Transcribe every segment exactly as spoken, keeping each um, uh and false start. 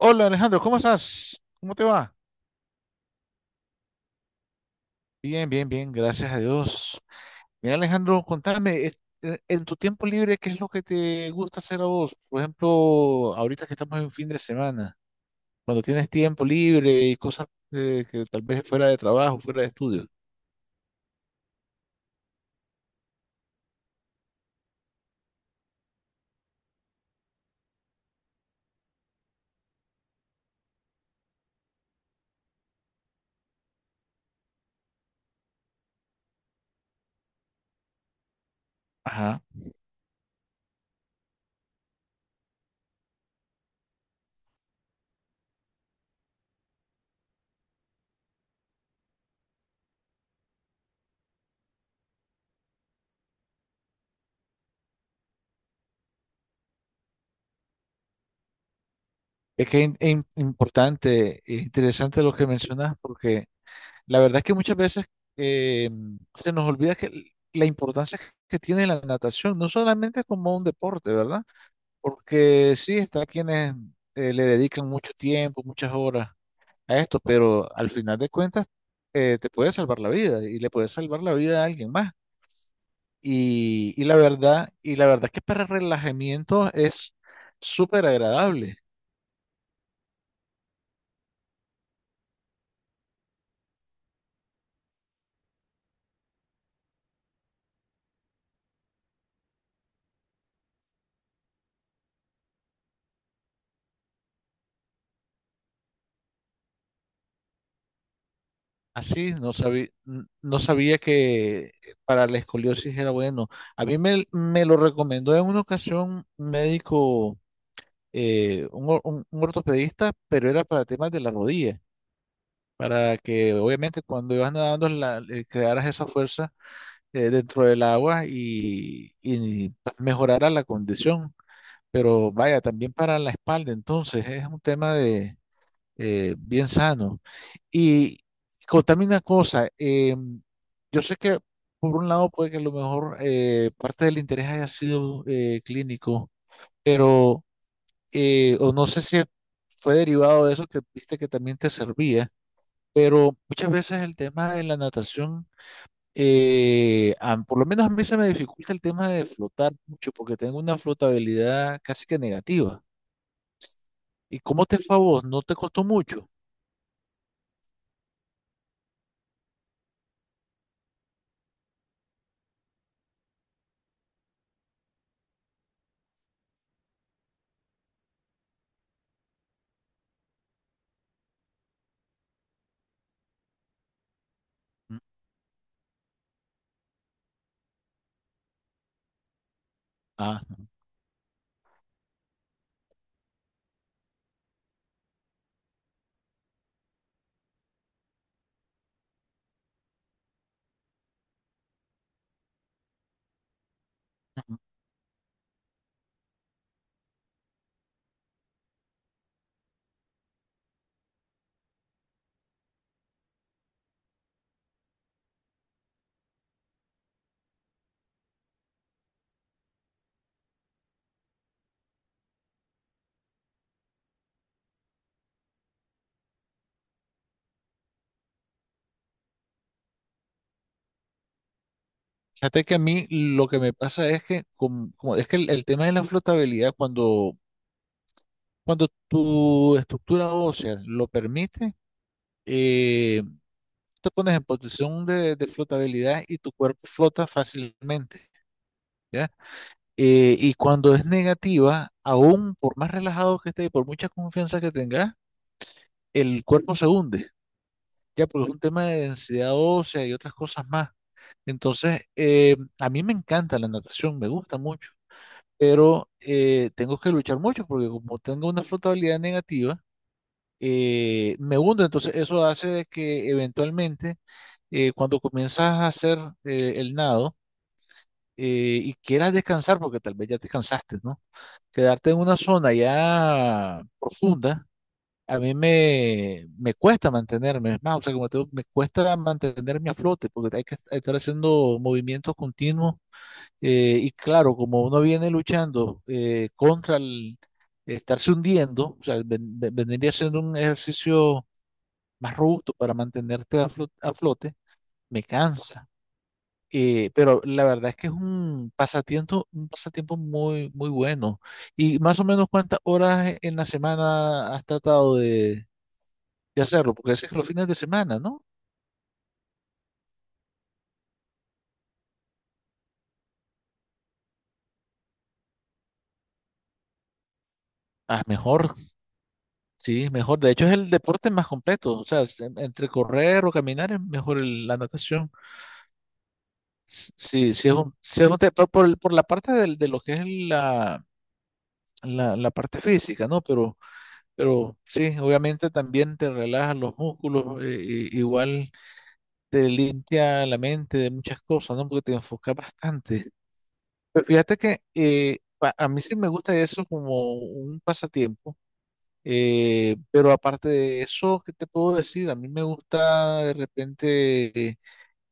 Hola Alejandro, ¿cómo estás? ¿Cómo te va? Bien, bien, bien, gracias a Dios. Mira Alejandro, contame, es- en en tu tiempo libre, ¿qué es lo que te gusta hacer a vos? Por ejemplo, ahorita que estamos en fin de semana, cuando tienes tiempo libre y cosas, eh, que tal vez fuera de trabajo, fuera de estudio. Ajá. Es que es im- importante e interesante lo que mencionas, porque la verdad es que muchas veces eh, se nos olvida que l- la importancia que tiene la natación, no solamente como un deporte, ¿verdad? Porque sí, está quienes eh, le dedican mucho tiempo, muchas horas a esto, pero al final de cuentas, eh, te puede salvar la vida y le puede salvar la vida a alguien más. Y, y la verdad, y la verdad es que para relajamiento es súper agradable. Así, no sabía, no sabía que para la escoliosis era bueno. A mí me, me lo recomendó en una ocasión un médico, eh, un or- un- un ortopedista, pero era para temas de la rodilla. Para que obviamente cuando ibas nadando la- eh, crearas esa fuerza eh, dentro del agua y, y pues mejorara la condición. Pero vaya, también para la espalda, entonces es un tema de eh, bien sano. Y contame una cosa. Eh, yo sé que por un lado puede que a lo mejor, eh, parte del interés haya sido, eh, clínico, pero, eh, o no sé si fue derivado de eso, que viste que también te servía, pero muchas veces el tema de la natación, eh, a- por lo menos a mí se me dificulta el tema de flotar mucho, porque tengo una flotabilidad casi que negativa. ¿Y cómo te fue a vos? ¿No te costó mucho? Mm. Ah. Ujú. Fíjate que a mí lo que me pasa es que, como, como- es que el, el tema de la flotabilidad, cuando, cuando tu estructura ósea lo permite, eh, te pones en posición de, de flotabilidad y tu cuerpo flota fácilmente. ¿Ya? Eh, y cuando es negativa, aún por más relajado que esté y por mucha confianza que tengas, el cuerpo se hunde, ya porque es un tema de densidad ósea y otras cosas más. Entonces, eh, a mí me encanta la natación, me gusta mucho, pero, eh, tengo que luchar mucho porque como tengo una flotabilidad negativa, eh, me hundo. Entonces, eso hace de que eventualmente, eh, cuando comienzas a hacer, eh, el nado, eh, y quieras descansar, porque tal vez ya te cansaste, ¿no? Quedarte en una zona ya profunda, a mí me, me cuesta mantenerme, es más, o sea, como te digo, me cuesta mantenerme a flote porque hay que estar haciendo movimientos continuos, eh, y claro, como uno viene luchando, eh, contra el estarse hundiendo, o sea, ven- ven- vendría siendo un ejercicio más robusto para mantenerte a flo- a flote, me cansa. Eh, pero la verdad es que es un pasatiempo, un pasatiempo muy, muy bueno. ¿Y más o menos cuántas horas en la semana has tratado de, de hacerlo? Porque ese es los fines de semana, ¿no? Ah, mejor, sí, mejor. De hecho, es el deporte más completo. O sea, es entre correr o caminar es mejor el- la natación. S- Sí, sí, es un, sí es un te- por, por el- por la parte del- de, lo que es la, la, la parte física, ¿no? Pero, pero sí, obviamente también te relajas los músculos, eh, i- igual. Te limpia la mente de muchas cosas, ¿no? Porque te enfoca bastante. Pero fíjate que, eh, pa- a mí sí me gusta eso como un pasatiempo, eh, pero aparte de eso, ¿qué te puedo decir? A mí me gusta de repente, eh,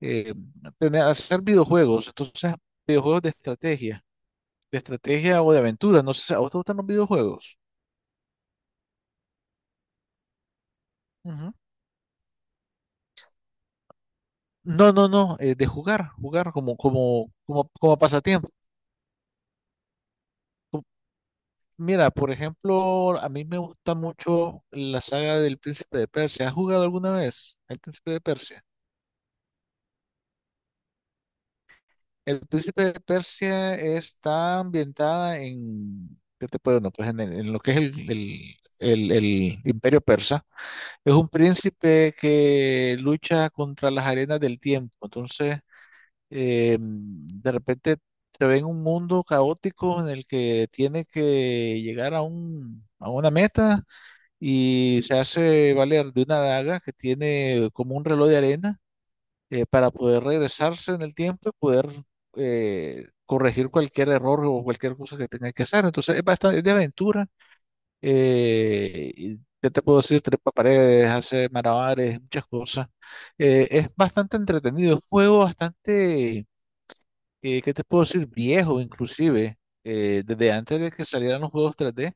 eh, tener, hacer videojuegos, entonces videojuegos de estrategia, de estrategia o de aventura, no sé, si ¿a vos te gustan los videojuegos? Ujú. No, no, no, eh, de jugar, jugar como, como, como, como pasatiempo. Mira, por ejemplo, a mí me gusta mucho la saga del Príncipe de Persia. ¿Has jugado alguna vez El Príncipe de Persia? El Príncipe de Persia está ambientada en, ¿qué te puedo? No, pues en, el- en lo que es el, el- el- el Imperio Persa. Es un príncipe que lucha contra las arenas del tiempo. Entonces, eh, de repente se ve en un mundo caótico en el que tiene que llegar a un, a una meta, y se hace valer de una daga que tiene como un reloj de arena, eh, para poder regresarse en el tiempo y poder, eh, corregir cualquier error o cualquier cosa que tenga que hacer. Entonces es bastante, es de aventura. Eh, y ¿qué te puedo decir? Trepa paredes, hace malabares, muchas cosas. Eh, es bastante entretenido, es un juego bastante, eh, ¿qué te puedo decir? Viejo inclusive, eh, desde antes de que salieran los juegos tres D.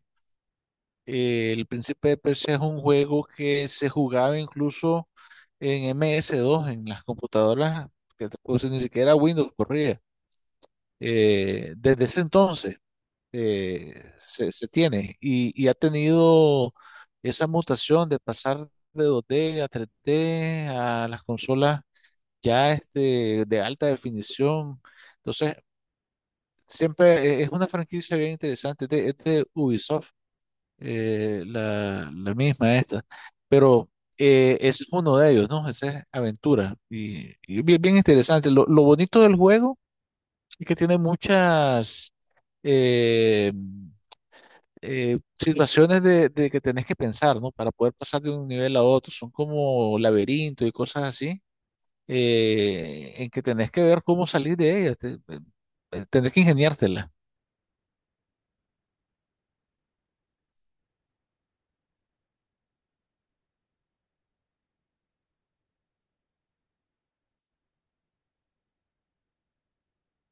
eh, El Príncipe de Persia es un juego que se jugaba incluso en ms dos en las computadoras, que te puse, ni siquiera Windows corría. Eh, desde ese entonces, eh, se, se tiene y, y ha tenido esa mutación de pasar de dos D a tres D a las consolas ya este, de alta definición. Entonces, siempre eh, es una franquicia bien interesante. Es de, es de Ubisoft, eh, la, la misma esta. Pero, eh, ese es uno de ellos, ¿no? Esa es aventura. Y, y bien, bien interesante. Lo, lo bonito del juego es que tiene muchas, eh, eh, situaciones de, de que tenés que pensar, ¿no? Para poder pasar de un nivel a otro. Son como laberintos y cosas así, eh, en que tenés que ver cómo salir de ellas. Te- eh, tenés que ingeniártela.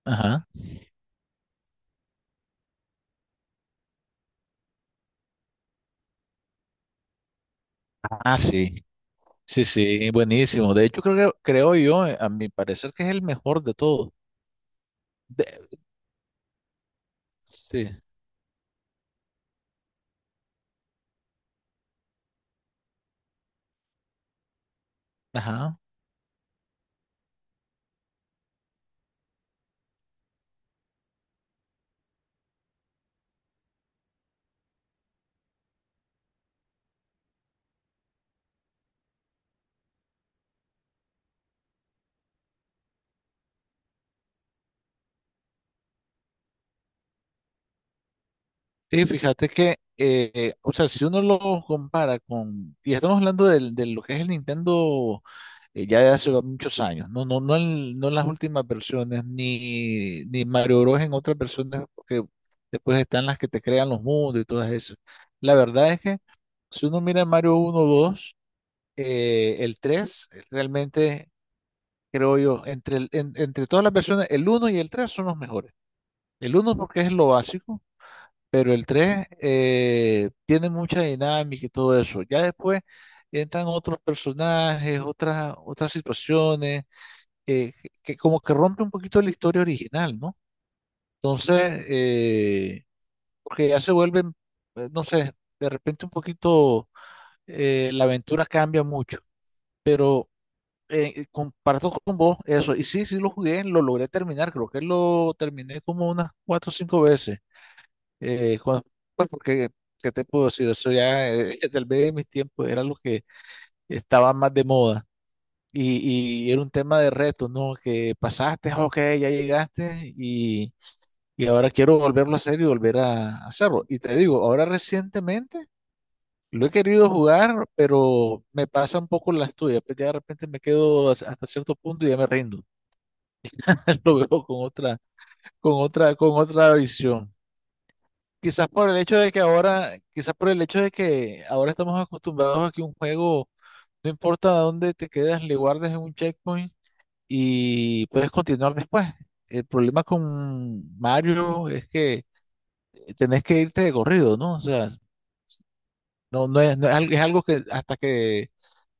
Ajá. Ah, sí. Sí, sí, buenísimo. De hecho, creo que, creo yo, eh, a mi parecer, que es el mejor de todos. De- sí, ajá. Sí, fíjate que, eh, o sea, si uno lo compara con, y estamos hablando del- de, lo que es el Nintendo, eh, ya de hace muchos años, no, no, no, en, no en las últimas versiones, ni, ni Mario Bros. En otras versiones, porque después están las que te crean los mundos y todas esas. La verdad es que si uno mira Mario uno, dos, eh, el tres, realmente creo yo, entre, el- en- entre todas las versiones, el uno y el tres son los mejores. El uno porque es lo básico, pero el tres, eh, tiene mucha dinámica y todo eso. Ya después entran otros personajes, otras, otras situaciones, eh, que, que como que rompe un poquito la historia original, ¿no? Entonces, eh, porque ya se vuelven, eh, no sé, de repente un poquito, eh, la aventura cambia mucho. Pero, eh, comparto con vos eso. Y sí, sí lo jugué, lo logré terminar. Creo que lo terminé como unas cuatro o cinco veces. Eh, cuan- pues porque, ¿qué te puedo decir? Eso ya, eh, tal vez en mis tiempos era lo que estaba más de moda. Y, y era un tema de reto, ¿no? Que pasaste, ok, ya llegaste y, y ahora quiero volverlo a hacer y volver a hacerlo. Y te digo, ahora recientemente lo he querido jugar, pero me pasa un poco las tuyas. Pues ya de repente me quedo hasta hasta cierto punto y ya me rindo. Lo veo con otra, con otra, con otra visión. Quizás por el hecho de que ahora, quizás por el hecho de que ahora estamos acostumbrados a que un juego, no importa a dónde te quedas, le guardes en un checkpoint y puedes continuar después. El problema con Mario es que tenés que irte de corrido, ¿no? O sea, no, no es, no es algo, es algo que hasta que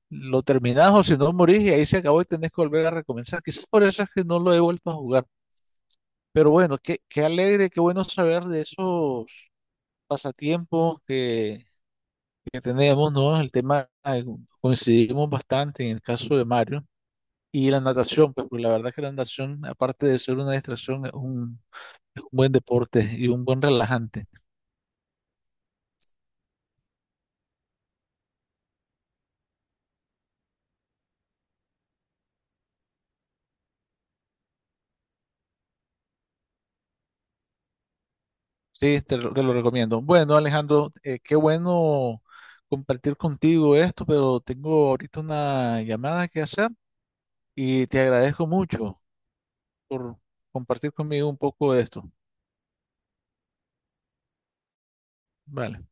lo terminás, o si no morís y ahí se acabó y tenés que volver a recomenzar. Quizás por eso es que no lo he vuelto a jugar. Pero bueno, qué, qué alegre, qué bueno saber de esos pasatiempos que, que tenemos, ¿no? El tema, eh, coincidimos bastante en el caso de Mario y la natación, pues, porque la verdad que la natación, aparte de ser una distracción, es un, es un buen deporte y un buen relajante. Sí, te, lo te lo recomiendo. Bueno, Alejandro, eh, qué bueno compartir contigo esto, pero tengo ahorita una llamada que hacer y te agradezco mucho por compartir conmigo un poco de esto. Vale.